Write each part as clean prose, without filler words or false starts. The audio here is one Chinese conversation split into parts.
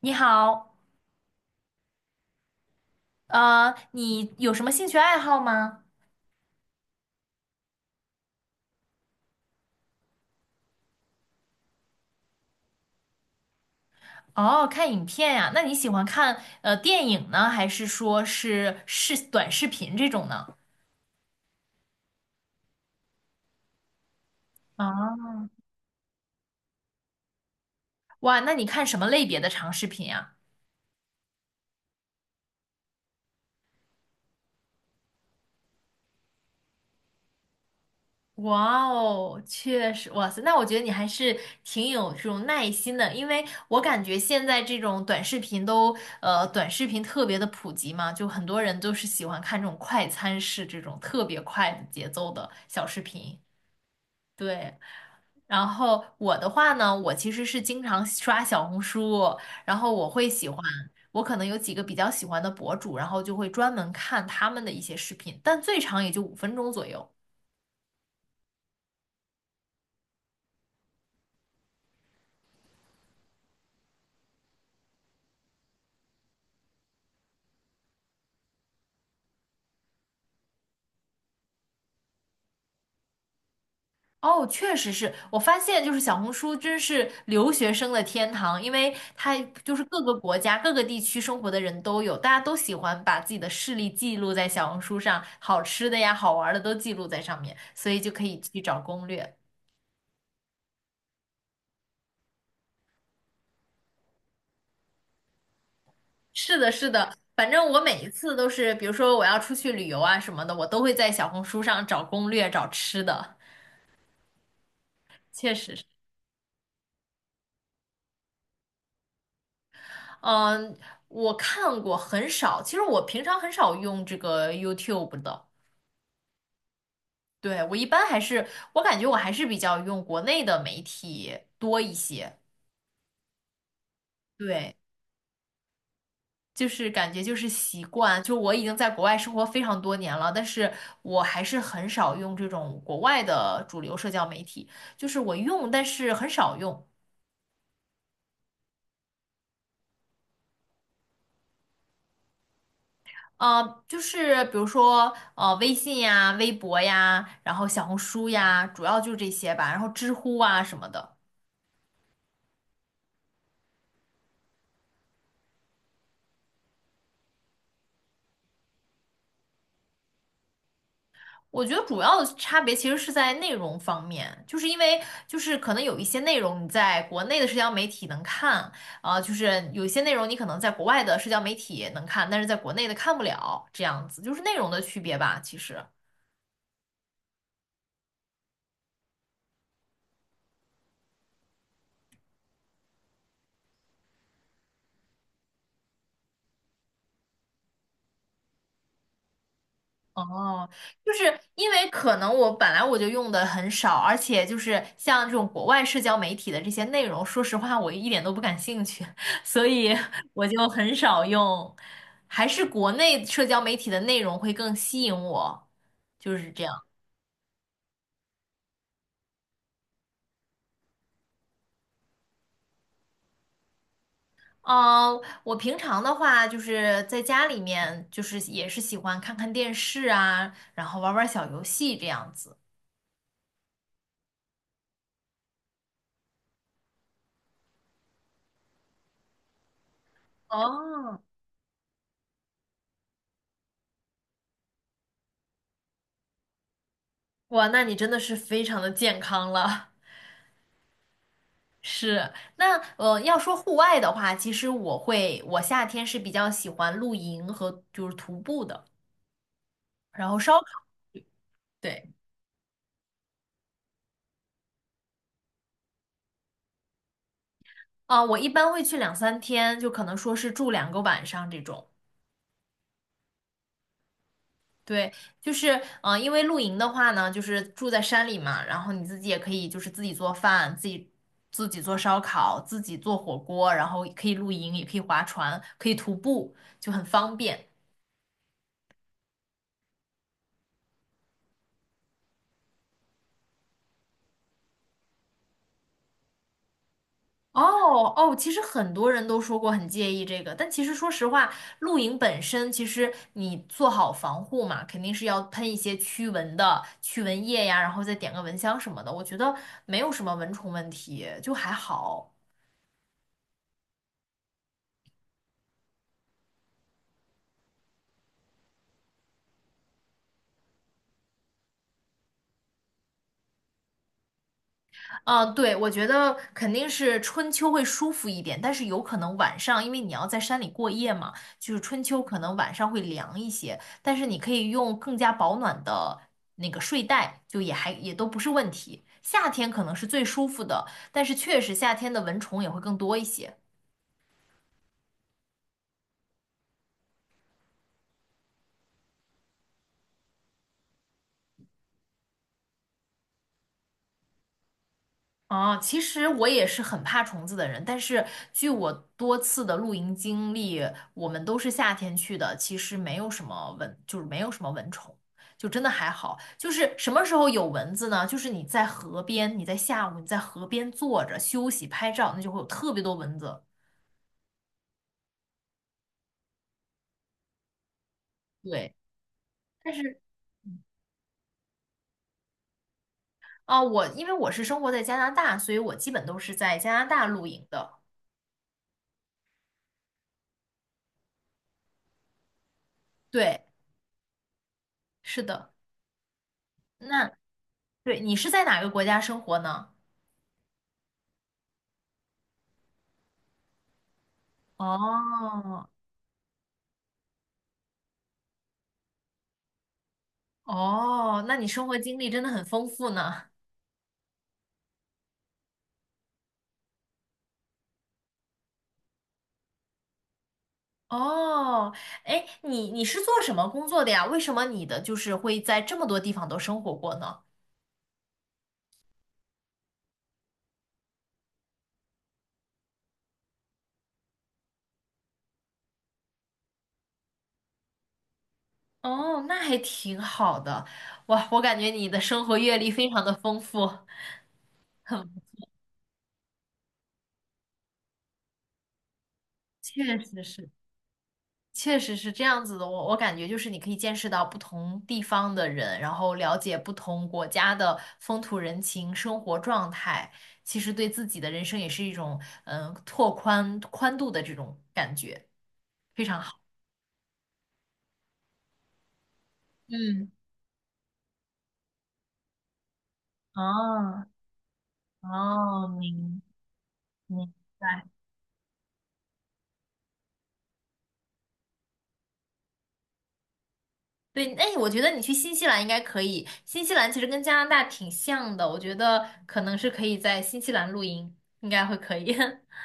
你好，你有什么兴趣爱好吗？哦，看影片呀，那你喜欢看电影呢，还是说是视短视频这种呢？啊，哇，那你看什么类别的长视频呀？哇哦，确实，哇塞，那我觉得你还是挺有这种耐心的，因为我感觉现在这种短视频都短视频特别的普及嘛，就很多人都是喜欢看这种快餐式这种特别快的节奏的小视频，对。然后我的话呢，我其实是经常刷小红书，然后我会喜欢，我可能有几个比较喜欢的博主，然后就会专门看他们的一些视频，但最长也就5分钟左右。哦，确实是我发现，就是小红书真是留学生的天堂，因为它就是各个国家、各个地区生活的人都有，大家都喜欢把自己的事例记录在小红书上，好吃的呀、好玩的都记录在上面，所以就可以去找攻略。是的，是的，反正我每一次都是，比如说我要出去旅游啊什么的，我都会在小红书上找攻略、找吃的。确实是，嗯，我看过很少，其实我平常很少用这个 YouTube 的。对，我一般还是，我感觉我还是比较用国内的媒体多一些。对，就是感觉就是习惯，就我已经在国外生活非常多年了，但是我还是很少用这种国外的主流社交媒体，就是我用，但是很少用。就是比如说，微信呀、微博呀，然后小红书呀，主要就是这些吧。然后知乎啊什么的，我觉得主要的差别其实是在内容方面，就是因为就是可能有一些内容你在国内的社交媒体能看，就是有一些内容你可能在国外的社交媒体能看，但是在国内的看不了，这样子就是内容的区别吧，其实。哦，就是因为可能我本来就用的很少，而且就是像这种国外社交媒体的这些内容，说实话我一点都不感兴趣，所以我就很少用，还是国内社交媒体的内容会更吸引我，就是这样。嗯，我平常的话就是在家里面，就是也是喜欢看看电视啊，然后玩玩小游戏这样子。哦，哇，那你真的是非常的健康了。是，那要说户外的话，其实我会，我夏天是比较喜欢露营和就是徒步的，然后烧烤。对，我一般会去2、3天，就可能说是住2个晚上这种。对，就是因为露营的话呢，就是住在山里嘛，然后你自己也可以就是自己做饭，自己做烧烤，自己做火锅，然后可以露营，也可以划船，可以徒步，就很方便。哦哦，其实很多人都说过很介意这个，但其实说实话，露营本身其实你做好防护嘛，肯定是要喷一些驱蚊的驱蚊液呀，然后再点个蚊香什么的，我觉得没有什么蚊虫问题，就还好。啊，对，我觉得肯定是春秋会舒服一点，但是有可能晚上，因为你要在山里过夜嘛，就是春秋可能晚上会凉一些，但是你可以用更加保暖的那个睡袋，就也还也都不是问题。夏天可能是最舒服的，但是确实夏天的蚊虫也会更多一些。哦，其实我也是很怕虫子的人，但是据我多次的露营经历，我们都是夏天去的，其实没有什么蚊，就是没有什么蚊虫，就真的还好。就是什么时候有蚊子呢？就是你在河边，你在下午你在河边坐着休息拍照，那就会有特别多蚊子。对，但是我因为我是生活在加拿大，所以我基本都是在加拿大露营的。对，是的。那对你是在哪个国家生活呢？哦哦，那你生活经历真的很丰富呢。哦，哎，你是做什么工作的呀？为什么你的就是会在这么多地方都生活过呢？哦，那还挺好的。哇，我感觉你的生活阅历非常的丰富，很确实是。确实是这样子的，我感觉就是你可以见识到不同地方的人，然后了解不同国家的风土人情、生活状态，其实对自己的人生也是一种拓宽宽度的这种感觉，非常好。嗯，哦哦，明白。对，哎，我觉得你去新西兰应该可以。新西兰其实跟加拿大挺像的，我觉得可能是可以在新西兰露营，应该会可以。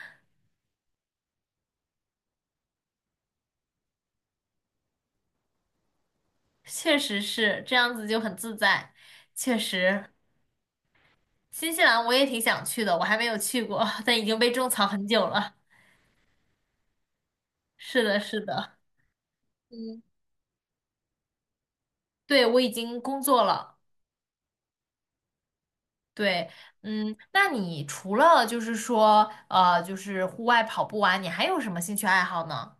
确实是这样子就很自在。确实，新西兰我也挺想去的，我还没有去过，但已经被种草很久了。是的，是的，嗯，对，我已经工作了。对，嗯，那你除了就是说，就是户外跑步啊，你还有什么兴趣爱好呢？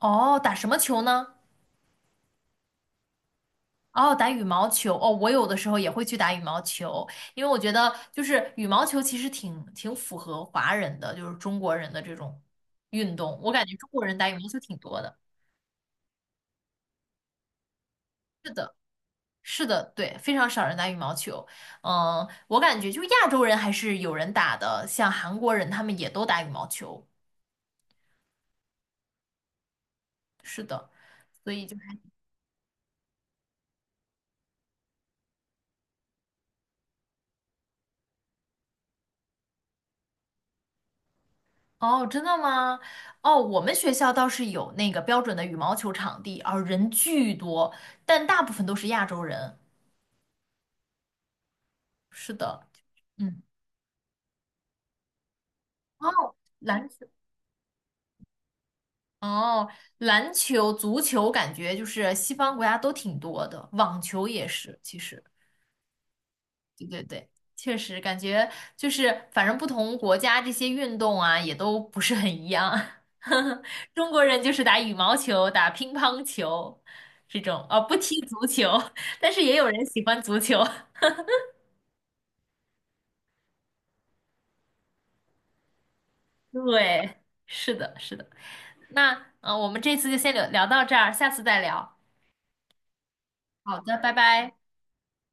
哦，打什么球呢？哦，打羽毛球哦，我有的时候也会去打羽毛球，因为我觉得就是羽毛球其实挺符合华人的，就是中国人的这种运动。我感觉中国人打羽毛球挺多的。是的，对，非常少人打羽毛球。嗯，我感觉就亚洲人还是有人打的，像韩国人他们也都打羽毛球。是的，所以就是哦，真的吗？哦，我们学校倒是有那个标准的羽毛球场地，啊，人巨多，但大部分都是亚洲人。是的，嗯，哦，篮球，哦，篮球、足球感觉就是西方国家都挺多的，网球也是，其实，对对对，确实感觉就是反正不同国家这些运动啊也都不是很一样。中国人就是打羽毛球、打乒乓球这种，哦，不踢足球，但是也有人喜欢足球。对，是的，是的。那我们这次就先聊聊到这儿，下次再聊。好的，拜拜。